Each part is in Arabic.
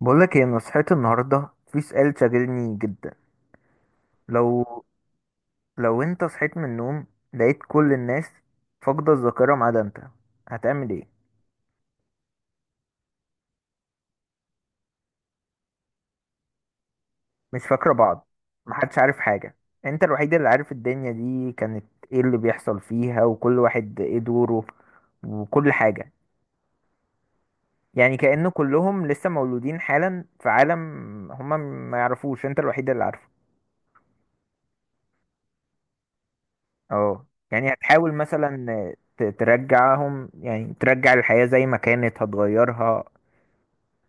بقولك هي نصحتي النهاردة في سؤال شاغلني جدا. لو لو انت صحيت من النوم، لقيت كل الناس فاقدة الذاكرة ما عدا انت، هتعمل ايه؟ مش فاكرة بعض، محدش عارف حاجة، انت الوحيد اللي عارف الدنيا دي كانت ايه اللي بيحصل فيها وكل واحد ايه دوره وكل حاجة. يعني كأن كلهم لسه مولودين حالا في عالم هما ما يعرفوش، انت الوحيد اللي عارفه. اه يعني هتحاول مثلا ترجعهم، يعني ترجع الحياة زي ما كانت، هتغيرها؟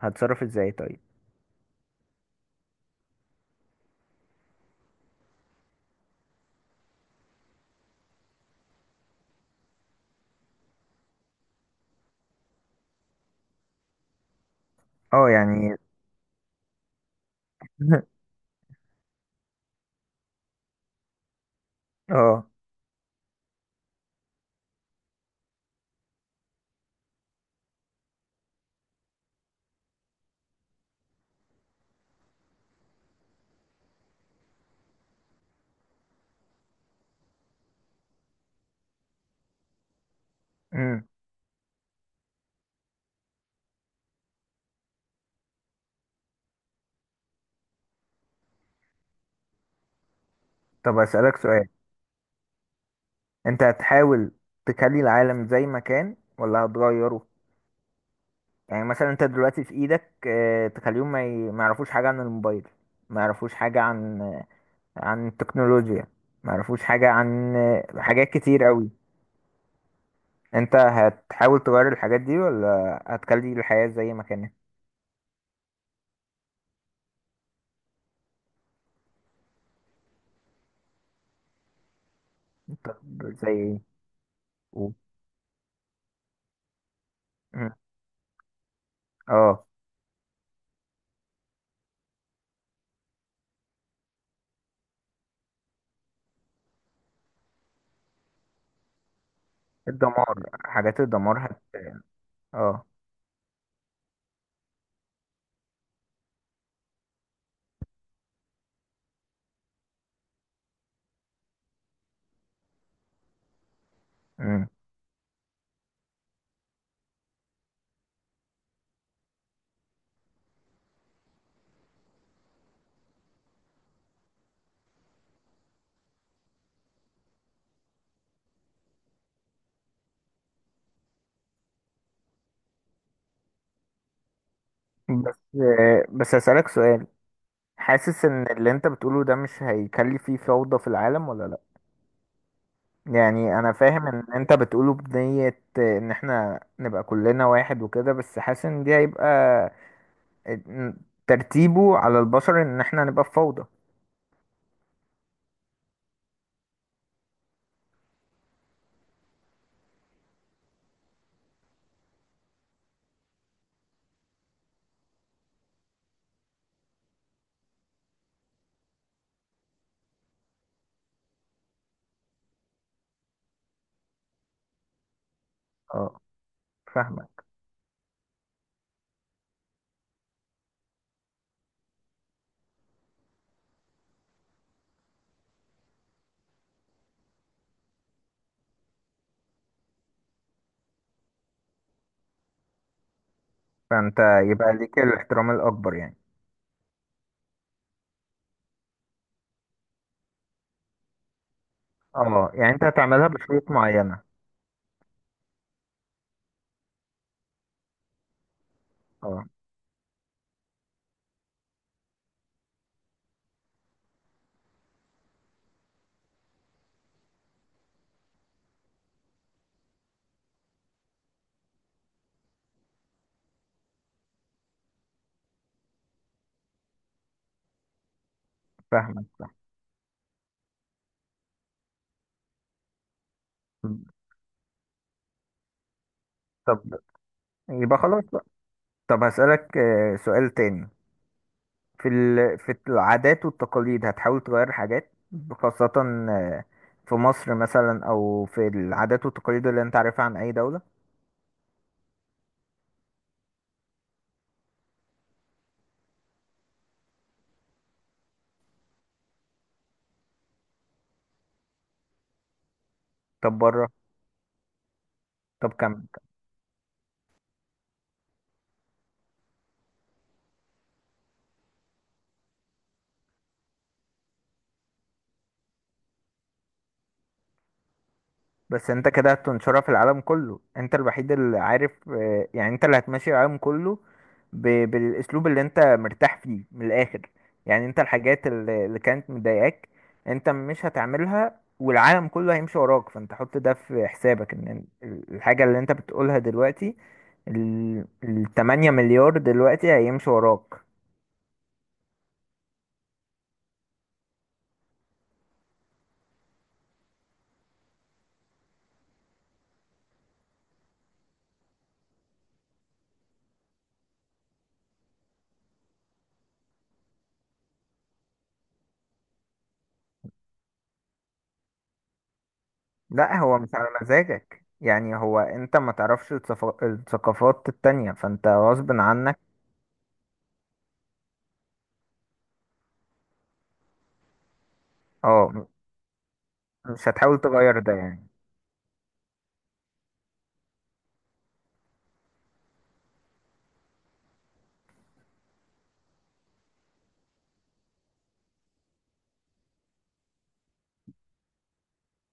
هتتصرف ازاي طيب؟ اه يعني اه. امم طب اسألك سؤال، انت هتحاول تخلي العالم زي ما كان ولا هتغيره؟ يعني مثلا انت دلوقتي في ايدك، تخليهم ما يعرفوش حاجة عن الموبايل، ما يعرفوش حاجة عن التكنولوجيا، ما يعرفوش حاجة عن حاجات كتير قوي. انت هتحاول تغير الحاجات دي ولا هتخلي الحياة زي ما كانت؟ طب زي ايه؟ و- مم. اه الدمار، حاجات الدمار هت... اه. مم. بس بس اسألك سؤال، حاسس ان اللي انت بتقوله ده مش هيكلف فيه فوضى في العالم ولا لا؟ يعني انا فاهم ان انت بتقوله بنية ان احنا نبقى كلنا واحد وكده، بس حاسس ان دي هيبقى ترتيبه على البشر ان احنا نبقى في فوضى. اه فاهمك. فانت يبقى ليك الاحترام الاكبر يعني. اه يعني انت هتعملها بشروط معينة. اه فاهمك. طب يبقى خلاص بقى. طب هسألك سؤال تاني، في ال... في العادات والتقاليد هتحاول تغير حاجات خاصة آه، في مصر مثلا، أو في العادات والتقاليد اللي أنت عارفها عن أي دولة؟ طب بره. طب كمل. بس انت كده هتنشرها في العالم كله، انت الوحيد اللي عارف، يعني انت اللي هتمشي العالم كله بالاسلوب اللي انت مرتاح فيه من الاخر. يعني انت الحاجات اللي كانت مضايقاك انت مش هتعملها، والعالم كله هيمشي وراك، فانت حط ده في حسابك. ان الحاجة اللي انت بتقولها دلوقتي التمانية مليار دلوقتي هيمشي وراك. لا هو مش على مزاجك، يعني هو انت ما تعرفش الثقافات التانية، فانت غصب عنك. اه مش هتحاول تغير ده يعني.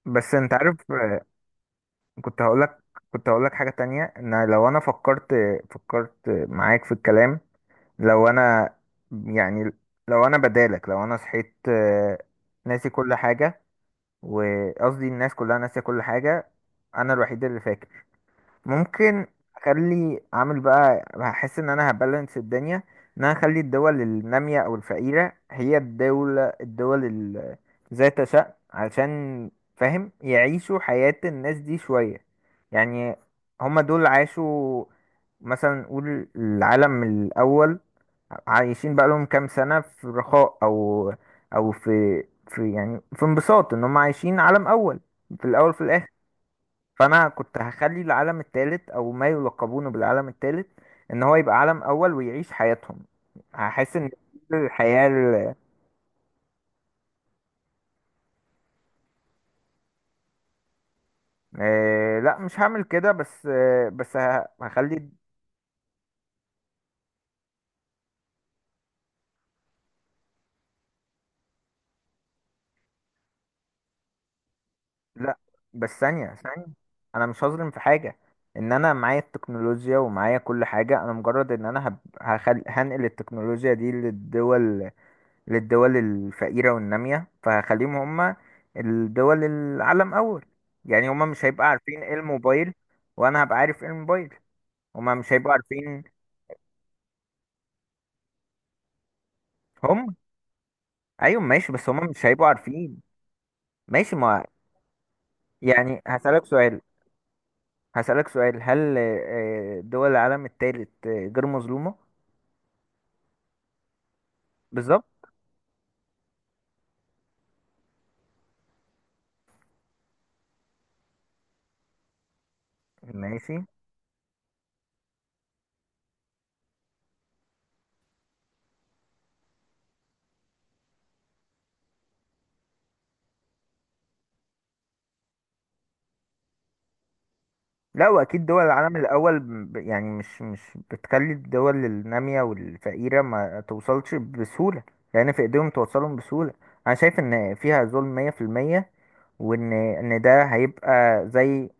بس انت عارف، كنت هقولك، كنت هقولك حاجة تانية، ان لو انا فكرت، فكرت معاك في الكلام، لو انا، يعني لو انا بدالك، لو انا صحيت ناسي كل حاجة، وقصدي الناس كلها ناسية كل حاجة، انا الوحيد اللي فاكر. ممكن اخلي اعمل بقى، هحس ان انا هبالانس الدنيا، ان انا اخلي الدول النامية او الفقيرة هي الدول ذات شأن، عشان فاهم يعيشوا حياة الناس دي شوية. يعني هما دول عاشوا، مثلا نقول العالم الأول، عايشين بقى لهم كام سنة في رخاء، أو أو في يعني في انبساط إن هم عايشين عالم أول في الأول في الآخر. فانا كنت هخلي العالم التالت او ما يلقبونه بالعالم التالت ان هو يبقى عالم اول ويعيش حياتهم. هحس ان دي الحياة آه لا مش هعمل كده، بس آه بس هخلي. لا بس ثانية، انا مش هظلم في حاجة. ان انا معايا التكنولوجيا ومعايا كل حاجة، انا مجرد ان انا هنقل التكنولوجيا دي للدول، للدول الفقيرة والنامية، فخليهم هم الدول العالم أول. يعني هم مش هيبقى عارفين ايه الموبايل، وأنا هبقى عارف ايه الموبايل. هم مش هيبقوا عارفين. هم أيوة ماشي، بس هم مش هيبقوا عارفين. ماشي ما، يعني هسألك سؤال. هسألك سؤال، هل دول العالم التالت غير مظلومة؟ بالظبط. ماشي. لا واكيد دول العالم الاول يعني مش بتخلي الدول الناميه والفقيره ما توصلش بسهوله، لان في ايديهم توصلهم بسهوله. انا شايف ان فيها ظلم 100%، وان ان ده هيبقى زي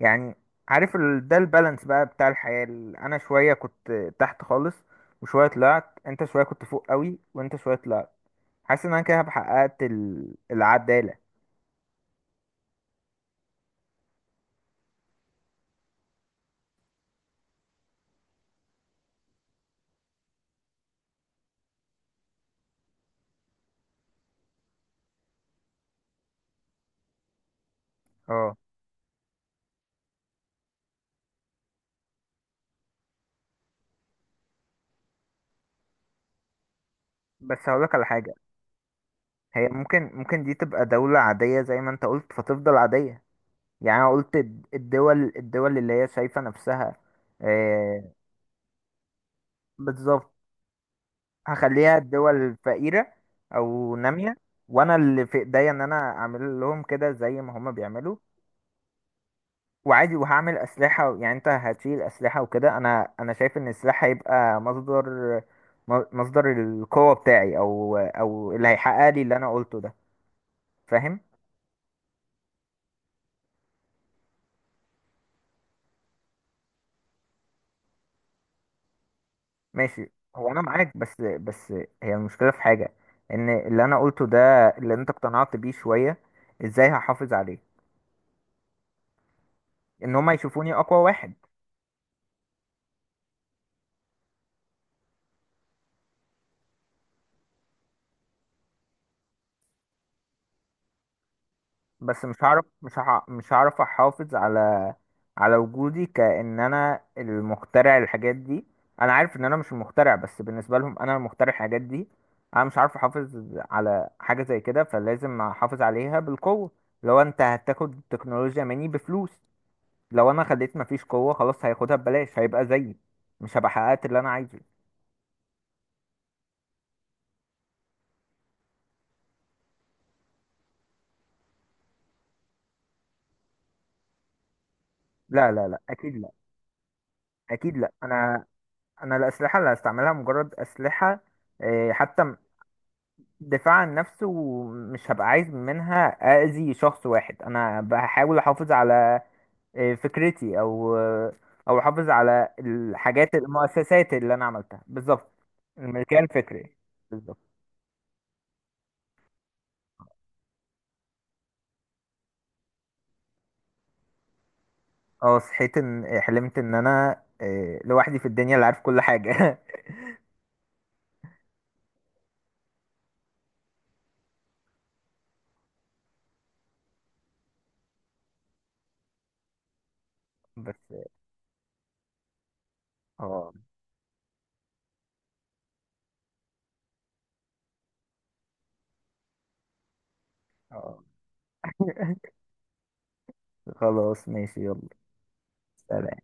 يعني، عارف ال... ده البالانس بقى بتاع الحياه انا شويه كنت تحت خالص وشويه طلعت، انت شويه كنت فوق قوي وانت شويه طلعت. حاسس ان انا كده حققت ال... العداله. اه بس هقولك على حاجه، هي ممكن دي تبقى دولة عادية زي ما انت قلت فتفضل عادية. يعني انا قلت الدول اللي هي شايفة نفسها، آه، بالظبط. هخليها الدول فقيرة او نامية، وانا اللي في ايديا ان انا اعمل لهم كده زي ما هما بيعملوا. وعادي وهعمل اسلحة، يعني انت هتشيل اسلحة وكده، انا انا شايف ان السلاح هيبقى مصدر، مصدر القوة بتاعي، او او اللي هيحقق لي اللي انا قلته ده. فاهم ماشي، هو انا معاك، بس بس هي المشكله في حاجه، ان اللي انا قلته ده اللي انت اقتنعت بيه شويه، ازاي هحافظ عليه؟ ان هما يشوفوني اقوى واحد. بس مش هعرف، مش هعرف احافظ على على وجودي، كأن انا المخترع الحاجات دي. انا عارف ان انا مش المخترع، بس بالنسبه لهم انا المخترع الحاجات دي. انا مش عارف احافظ على حاجه زي كده، فلازم احافظ عليها بالقوه. لو انت هتاخد التكنولوجيا مني بفلوس، لو انا خليت مفيش قوة خلاص هياخدها ببلاش، هيبقى زيي، مش هبقى حققت اللي انا عايزه. لا لا لا اكيد لا. اكيد لا، انا انا الاسلحة اللي هستعملها مجرد اسلحة حتى دفاع عن نفسي، ومش هبقى عايز منها اذي شخص واحد. انا بحاول احافظ على فكرتي، او او احافظ على الحاجات، المؤسسات اللي انا عملتها بالظبط. الملكية الفكرية بالظبط. اه صحيت ان حلمت ان انا لوحدي في الدنيا اللي عارف كل حاجة. بس اه اه. خلاص ماشي يلا. سلام.